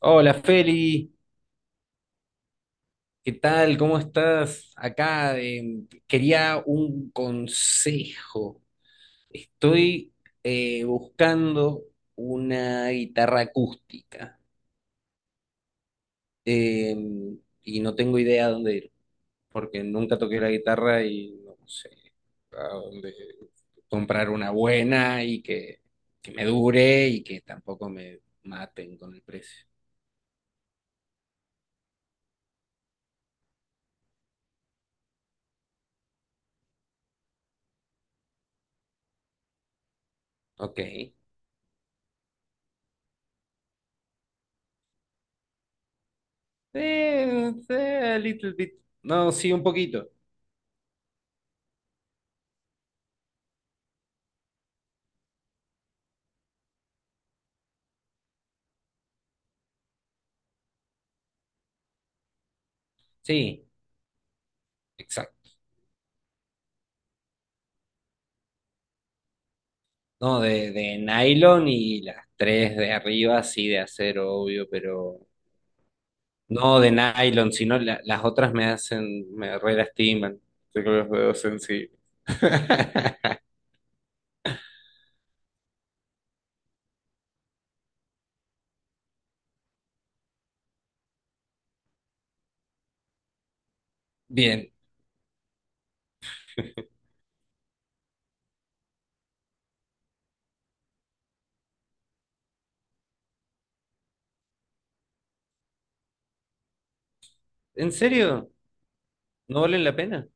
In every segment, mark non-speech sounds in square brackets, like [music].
Hola Feli, ¿qué tal? ¿Cómo estás? Acá quería un consejo. Estoy buscando una guitarra acústica eh, y no tengo idea dónde ir, porque nunca toqué la guitarra y no sé a dónde comprar una buena y que me dure y que tampoco me maten con el precio. Ok. A little bit. No, sí, un poquito. Sí, exacto. No, de nylon y las tres de arriba, sí, de acero, obvio, pero no de nylon, sino las otras me hacen, me re lastiman. Tengo los dedos sensibles. [laughs] Bien. ¿En serio? ¿No valen la pena?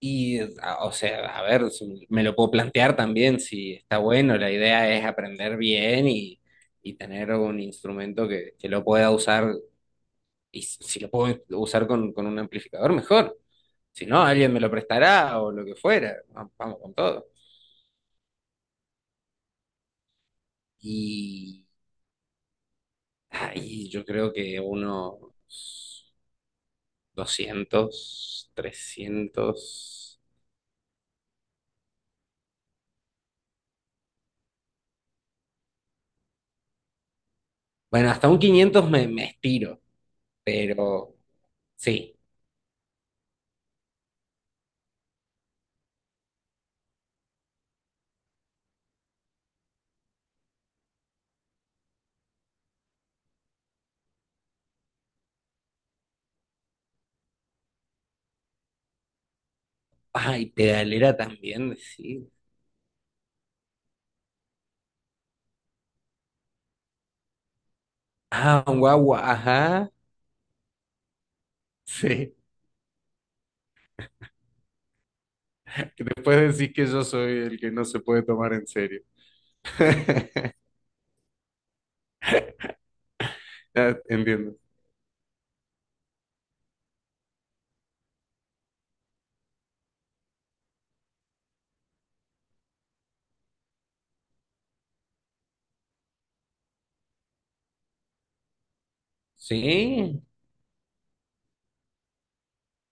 Y, o sea, a ver, me lo puedo plantear también si está bueno. La idea es aprender bien y tener un instrumento que lo pueda usar. Y si lo puedo usar con un amplificador, mejor. Si no, alguien me lo prestará o lo que fuera. Vamos con todo. Y ahí yo creo que unos 200 300. Bueno, hasta un 500 me estiro, pero sí. Ay, pedalera también, sí. Ah, un guagua, ajá. Sí, que después decís que yo soy el que no se puede tomar en serio. [laughs] Ya, entiendo. Sí,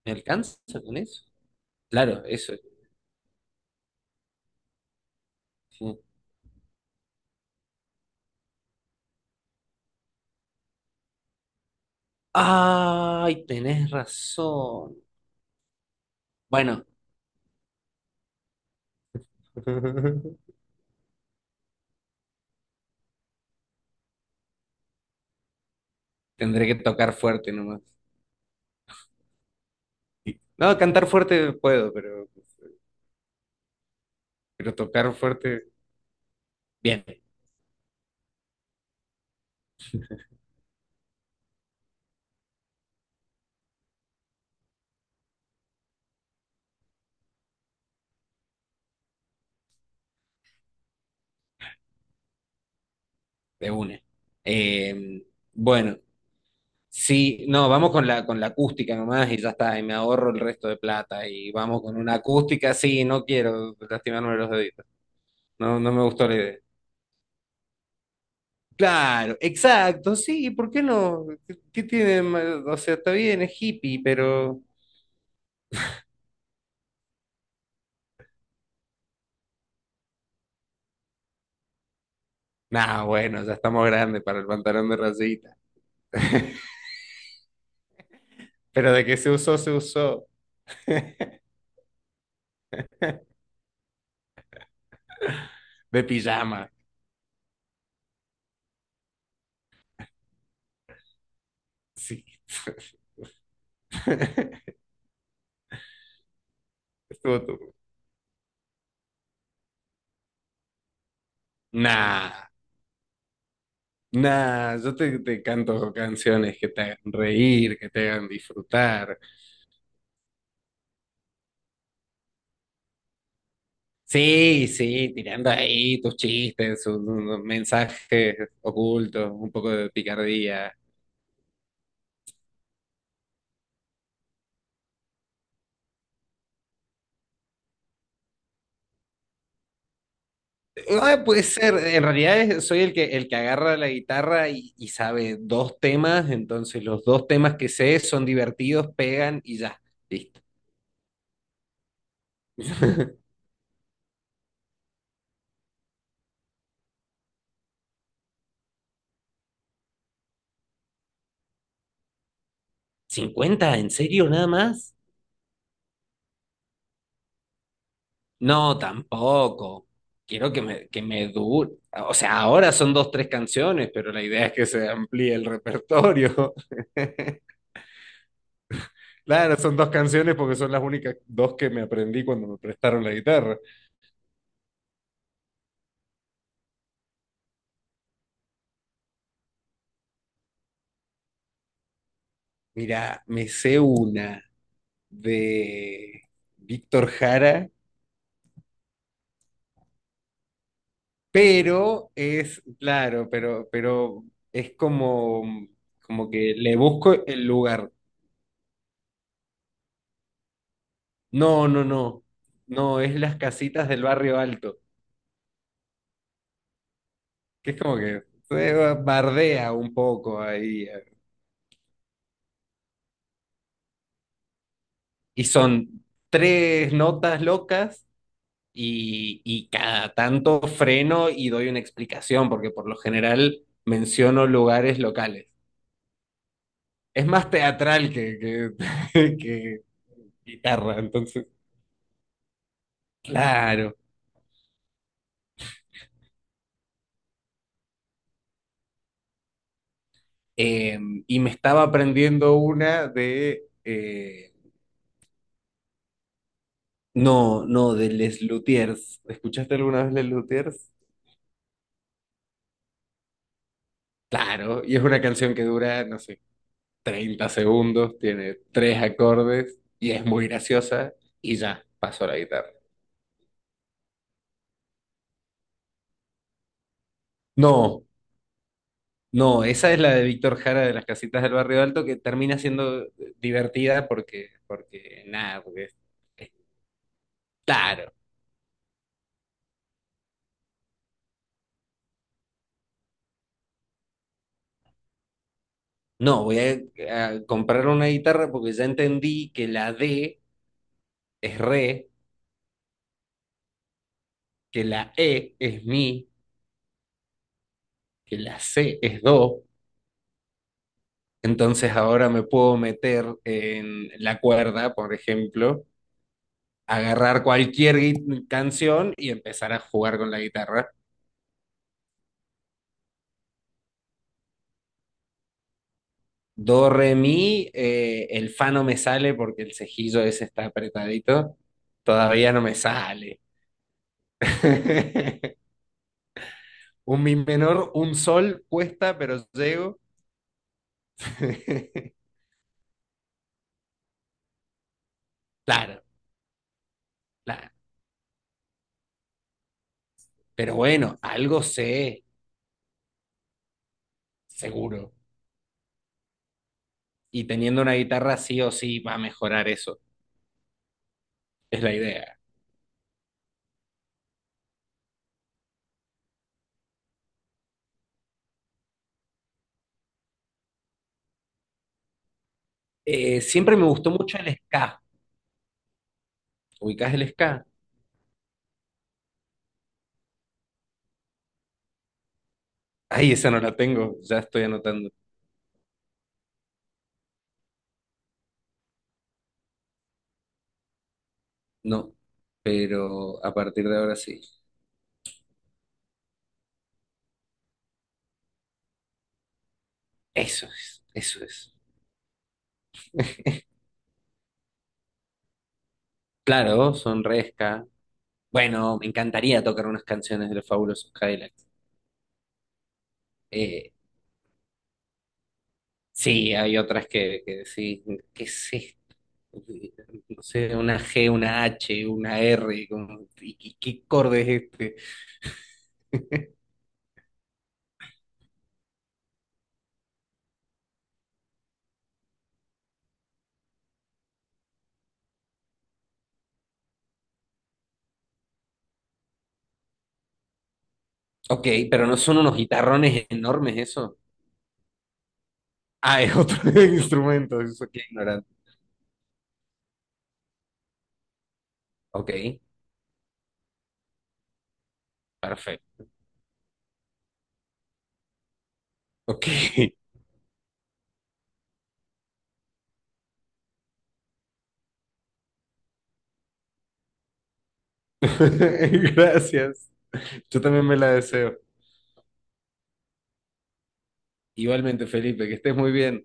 ¿me alcanza con eso? Claro, eso, sí. Ay, tenés razón. Bueno, [laughs] tendré que tocar fuerte nomás. Sí. No, cantar fuerte puedo, pero tocar fuerte, bien, de una. Eh, bueno, sí, no, vamos con la acústica nomás y ya está, y me ahorro el resto de plata. Y vamos con una acústica, sí, no quiero lastimarme los deditos. No, no me gustó la idea. Claro, exacto, sí, ¿por qué no? ¿Qué tiene de malo? O sea, está bien, es hippie, pero... Nah, bueno, ya estamos grandes para el pantalón de rayita. Pero de que se usó, se usó. [laughs] De pijama, sí. [laughs] Estuvo tu- Nah, nah, yo te canto canciones que te hagan reír, que te hagan disfrutar. Sí, sí, tirando ahí tus chistes, sus mensajes ocultos, un poco de picardía. Ah, puede ser, en realidad soy el que agarra la guitarra y sabe dos temas, entonces los dos temas que sé son divertidos, pegan y ya, listo. [laughs] ¿50? ¿En serio nada más? No, tampoco. Quiero que me dure. O sea, ahora son dos, tres canciones, pero la idea es que se amplíe el repertorio. [laughs] Claro, son dos canciones porque son las únicas dos que me aprendí cuando me prestaron la guitarra. Mira, me sé una de Víctor Jara, pero es, claro, pero es como que le busco el lugar. No, no, no, no, es las casitas del barrio alto, que es como que se bardea un poco ahí. Y son tres notas locas y cada tanto freno y doy una explicación, porque por lo general menciono lugares locales. Es más teatral que, [laughs] que guitarra, entonces, claro. Eh, y me estaba aprendiendo una de, no, no, de Les Luthiers. ¿Escuchaste alguna vez Les Luthiers? Claro, y es una canción que dura, no sé, 30 segundos, tiene tres acordes y es muy graciosa y ya, pasó la guitarra. No, no, esa es la de Víctor Jara de las casitas del barrio alto que termina siendo divertida porque, nada, porque es... Claro, no, voy a comprar una guitarra porque ya entendí que la D es re, que la E es mi, que la C es do. Entonces ahora me puedo meter en la cuerda, por ejemplo, agarrar cualquier canción y empezar a jugar con la guitarra. Do, re, mi, el fa no me sale porque el cejillo ese está apretadito. Todavía no me sale. [laughs] Un mi menor, un sol cuesta, pero llego. [laughs] Claro, claro. Pero bueno, algo sé, seguro. Y teniendo una guitarra sí o sí va a mejorar eso. Es la idea. Siempre me gustó mucho el ska. ¿Ubicás el ska? Ay, esa no la tengo. Ya estoy anotando. No. Pero a partir de ahora sí. Eso es, eso es. Claro, son re ska. Bueno, me encantaría tocar unas canciones de los Fabulosos Cadillacs. Eh, sí, hay otras que sí. ¿Qué es esto? eh, no sé, una G, una H, una R, como, ¿qué acorde es este? Ok, pero no son unos guitarrones enormes eso. Ah, es otro [laughs] instrumento, eso qué ignorante. Ok, perfecto. Ok, [laughs] gracias. Yo también me la deseo. Igualmente, Felipe, que estés muy bien.